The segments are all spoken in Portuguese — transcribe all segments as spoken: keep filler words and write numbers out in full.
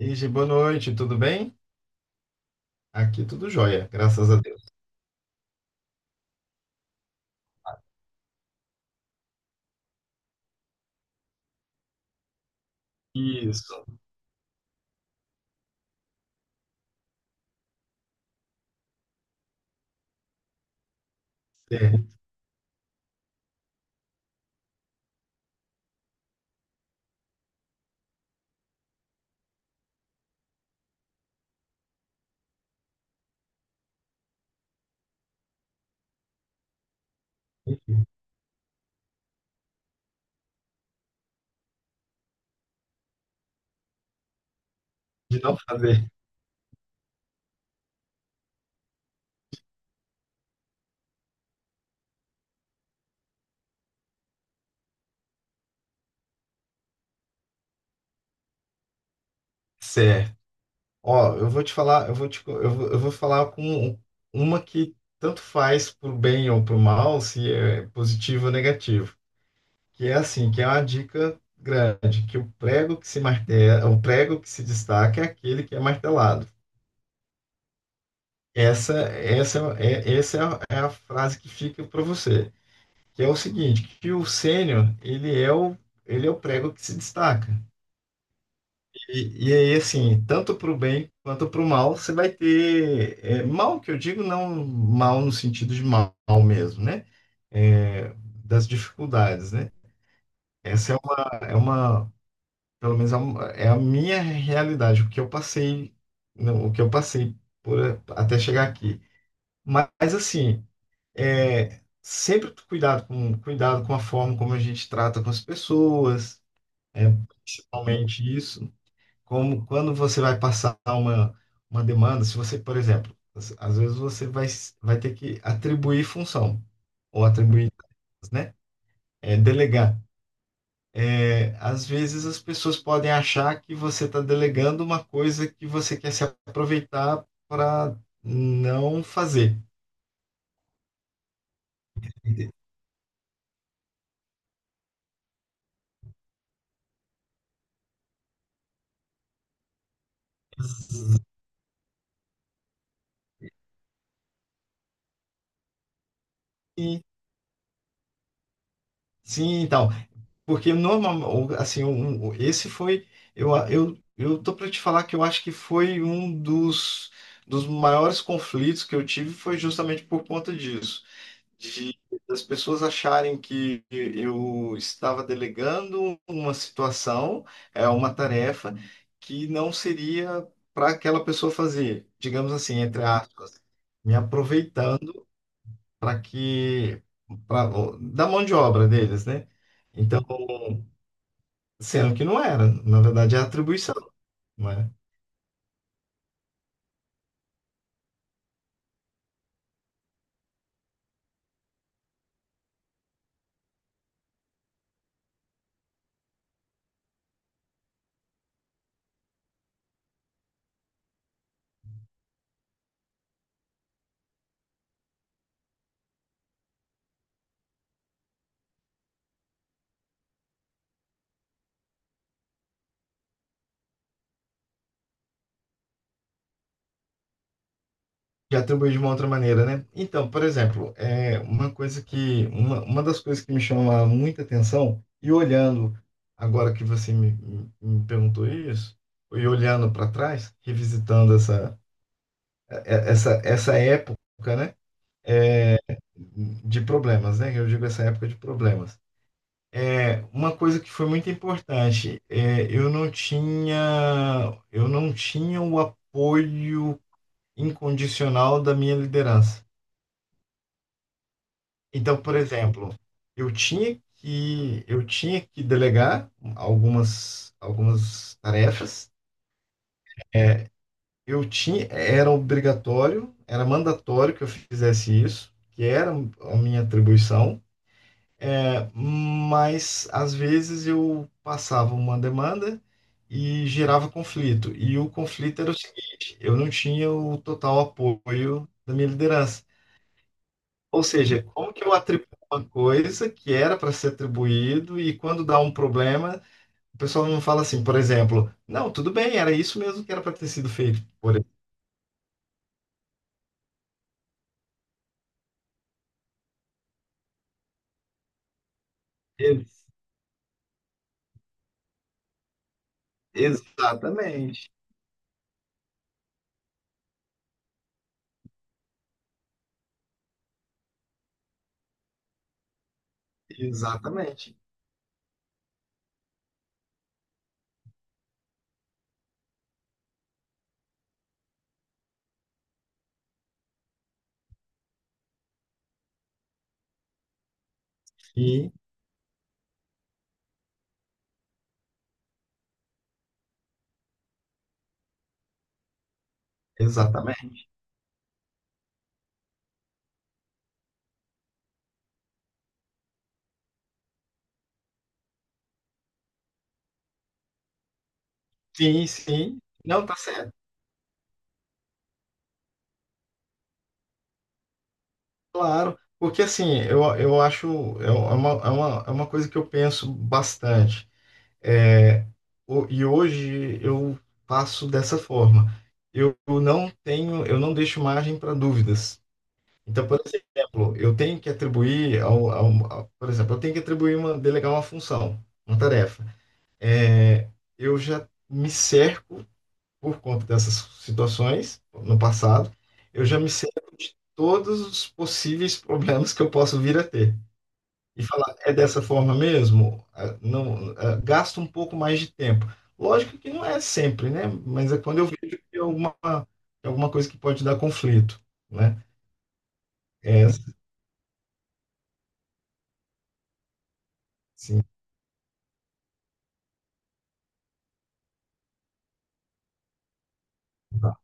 Ige, boa noite, tudo bem? Aqui tudo jóia, graças a Deus. Isso, certo. Enfim, de não fazer. Certo. Ó, eu vou te falar, eu vou te, co- eu vou, eu vou falar com uma que tanto faz pro bem ou pro mal, se é positivo ou negativo. Que é assim, que é uma dica grande, que o prego que se martela, o prego que se destaca é aquele que é martelado. Essa, essa é, é, essa é a é a frase que fica para você. Que é o seguinte, que o sênior, ele é o, ele é o prego que se destaca. E, e aí, assim, tanto para o bem quanto para o mal, você vai ter, é, mal que eu digo, não mal no sentido de mal mesmo, né? É, Das dificuldades, né? Essa é uma, é uma, pelo menos é, uma- é a minha realidade, o que eu passei, não, o que eu passei por, até chegar aqui. Mas, assim, É, sempre cuidado com, cuidado com a forma como a gente trata com as pessoas, é, principalmente isso. Como quando você vai passar uma, uma demanda, se você, por exemplo, às às vezes você vai, vai ter que atribuir função, ou atribuir, né? É, delegar. É, às vezes as pessoas podem achar que você está delegando uma coisa que você quer se aproveitar para não fazer. E, sim, então. Porque normal, assim, um- um- esse foi, eu, a- eu, eu tô para te falar que eu acho que foi um dos, dos maiores conflitos que eu tive foi justamente por conta disso, de as pessoas acharem que eu estava delegando uma situação, é uma tarefa que não seria para aquela pessoa fazer, digamos assim, entre aspas, me aproveitando para que, para da mão de obra deles, né? Então, sendo que não era, na verdade é atribuição, né? Que atribui de uma outra maneira, né? Então, por exemplo, é uma coisa que, uma, uma das coisas que me chama muita atenção, e olhando, agora que você me, me me perguntou isso, e olhando para trás, revisitando essa, é- essa, essa época, né? É, de problemas, né? Eu digo essa época de problemas. É, uma coisa que foi muito importante, é, eu não tinha, eu não tinha o apoio incondicional da minha liderança. Então, por exemplo, eu tinha que eu tinha que delegar algumas algumas tarefas. É, Eu tinha Era obrigatório, era mandatório que eu fizesse isso, que era a minha atribuição. É, Mas às vezes eu passava uma demanda e gerava conflito. E o conflito era o seguinte: eu não tinha o total apoio da minha liderança. Ou seja, como que eu atribuo uma coisa que era para ser atribuído e quando dá um problema, o pessoal não fala assim, por exemplo, não, tudo bem, era isso mesmo que era para ter sido feito por eles. Exatamente, exatamente. Sim, exatamente. Sim, sim. Não, tá certo, claro. Porque assim, eu, eu acho, é uma, é uma, é uma coisa que eu penso bastante. É, o- e hoje eu faço dessa forma. Eu não tenho, eu não deixo margem para dúvidas. Então, por exemplo, eu tenho que atribuir ao, ao- ao- por exemplo, eu tenho que atribuir uma, delegar uma função, uma tarefa. É, Eu já me cerco por conta dessas situações no passado, eu já me cerco de todos os possíveis problemas que eu posso vir a ter e falar, é dessa forma mesmo? Ah, não, ah, gasta um pouco mais de tempo. Lógico que não é sempre, né? Mas é quando eu vejo que é alguma, é alguma coisa que pode dar conflito, né? É, sim, tá.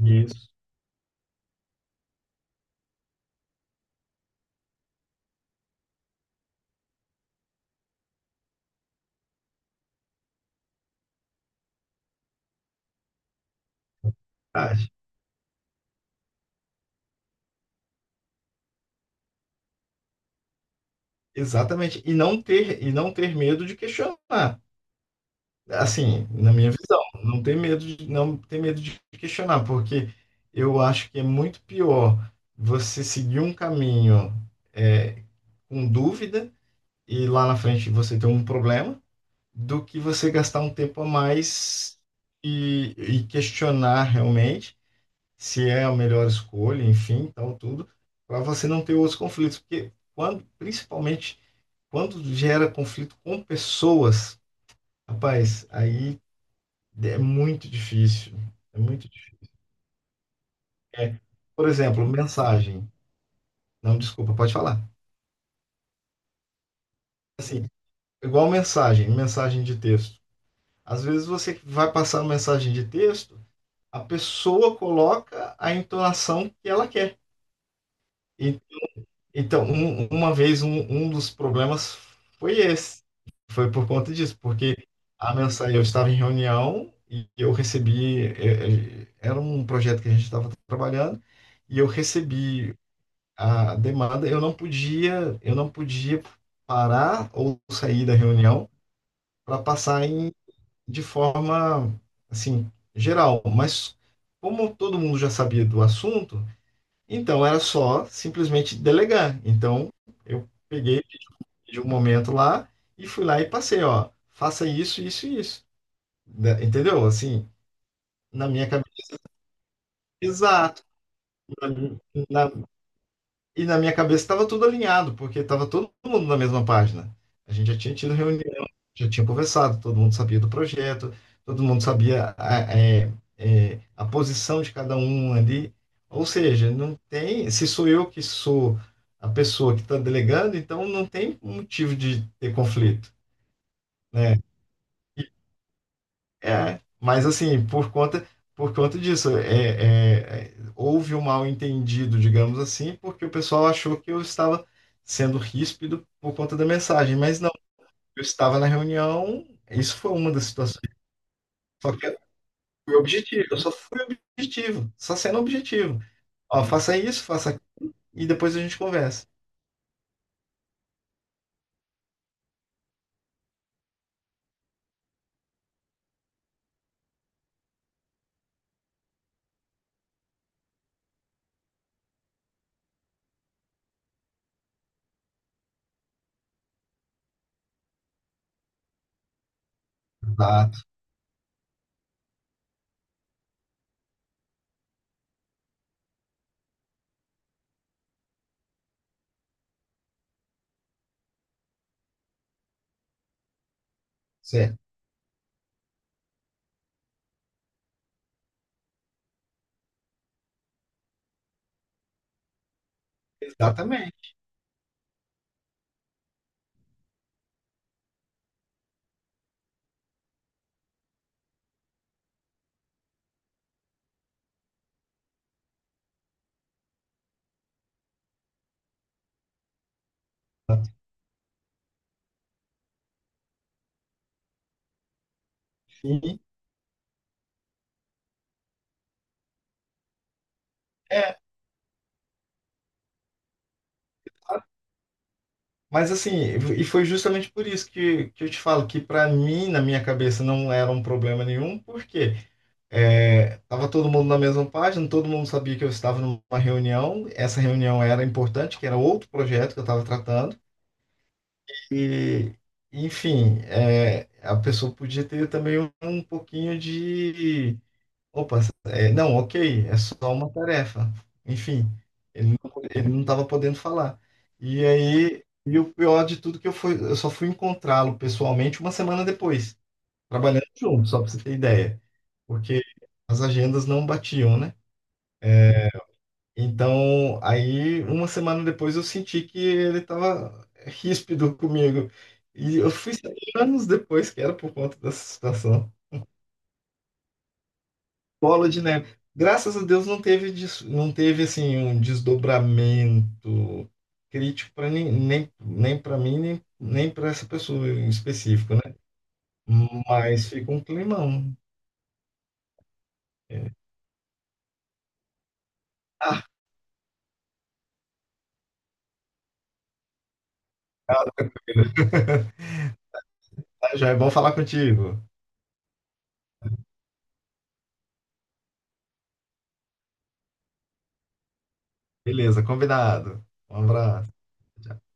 Isso. Ah, exatamente. E não ter, e não ter medo de questionar. Assim, na minha visão, não ter medo de, não ter medo de questionar, porque eu acho que é muito pior você seguir um caminho, é, com dúvida e lá na frente você tem um problema, do que você gastar um tempo a mais e, e questionar realmente se é a melhor escolha, enfim, tal, tudo, para você não ter outros conflitos. Porque quando, principalmente quando gera conflito com pessoas, rapaz, aí é muito difícil. É muito difícil. É, por exemplo, mensagem. Não, desculpa, pode falar. Assim, igual mensagem, mensagem de texto. Às vezes você vai passar uma mensagem de texto a pessoa coloca a entonação que ela quer. E, então, um, uma vez, um, um dos problemas foi esse. Foi por conta disso, porque a mensagem, eu estava em reunião e eu recebi, eh, eh, era um projeto que a gente estava trabalhando, e eu recebi a demanda, eu não podia, eu não podia parar ou sair da reunião para passar em, de forma, assim, geral. Mas como todo mundo já sabia do assunto, então era só simplesmente delegar. Então eu peguei, de um pedi um momento lá e fui lá e passei, ó, faça isso, isso e isso. Da- Entendeu? Assim, na minha cabeça. Exato. Na E na minha cabeça estava tudo alinhado, porque estava todo mundo na mesma página. A gente já tinha tido reunião, já tinha conversado, todo mundo sabia do projeto, todo mundo sabia a, é, é, a posição de cada um ali. Ou seja, não tem. Se sou eu que sou a pessoa que está delegando, então não tem motivo de ter conflito, né? É, mas assim, por conta, por conta disso, é, é, é, houve um mal-entendido, digamos assim, porque o pessoal achou que eu estava sendo ríspido por conta da mensagem, mas não, eu estava na reunião, isso foi uma das situações, só que eu fui objetivo, eu só fui objetivo, só sendo objetivo. Ó, faça isso, faça aquilo, e depois a gente conversa. Exato, certo. Exatamente. E, é, Mas assim, e foi justamente por isso que, que eu te falo que para mim, na minha cabeça, não era um problema nenhum, porque é, tava todo mundo na mesma página, todo mundo sabia que eu estava numa reunião, essa reunião era importante, que era outro projeto que eu estava tratando, e enfim, é, a pessoa podia ter também um, um pouquinho de, opa, é, não, ok, é só uma tarefa, enfim ele não estava podendo falar. E aí, e o pior de tudo que eu fui, eu só fui encontrá-lo pessoalmente uma semana depois, trabalhando junto, só para você ter ideia, porque as agendas não batiam, né? Então, aí uma semana depois eu senti que ele estava ríspido comigo. E eu fui saber anos depois que era por conta dessa situação. Bola de neve. Graças a Deus não teve, des- não teve assim um desdobramento crítico para nem, nem, nem para mim, nem, nem para essa pessoa em específico, né? Mas fica um climão. Ah, tá, joia, bom falar contigo. Beleza, combinado. Um abraço. Tchau.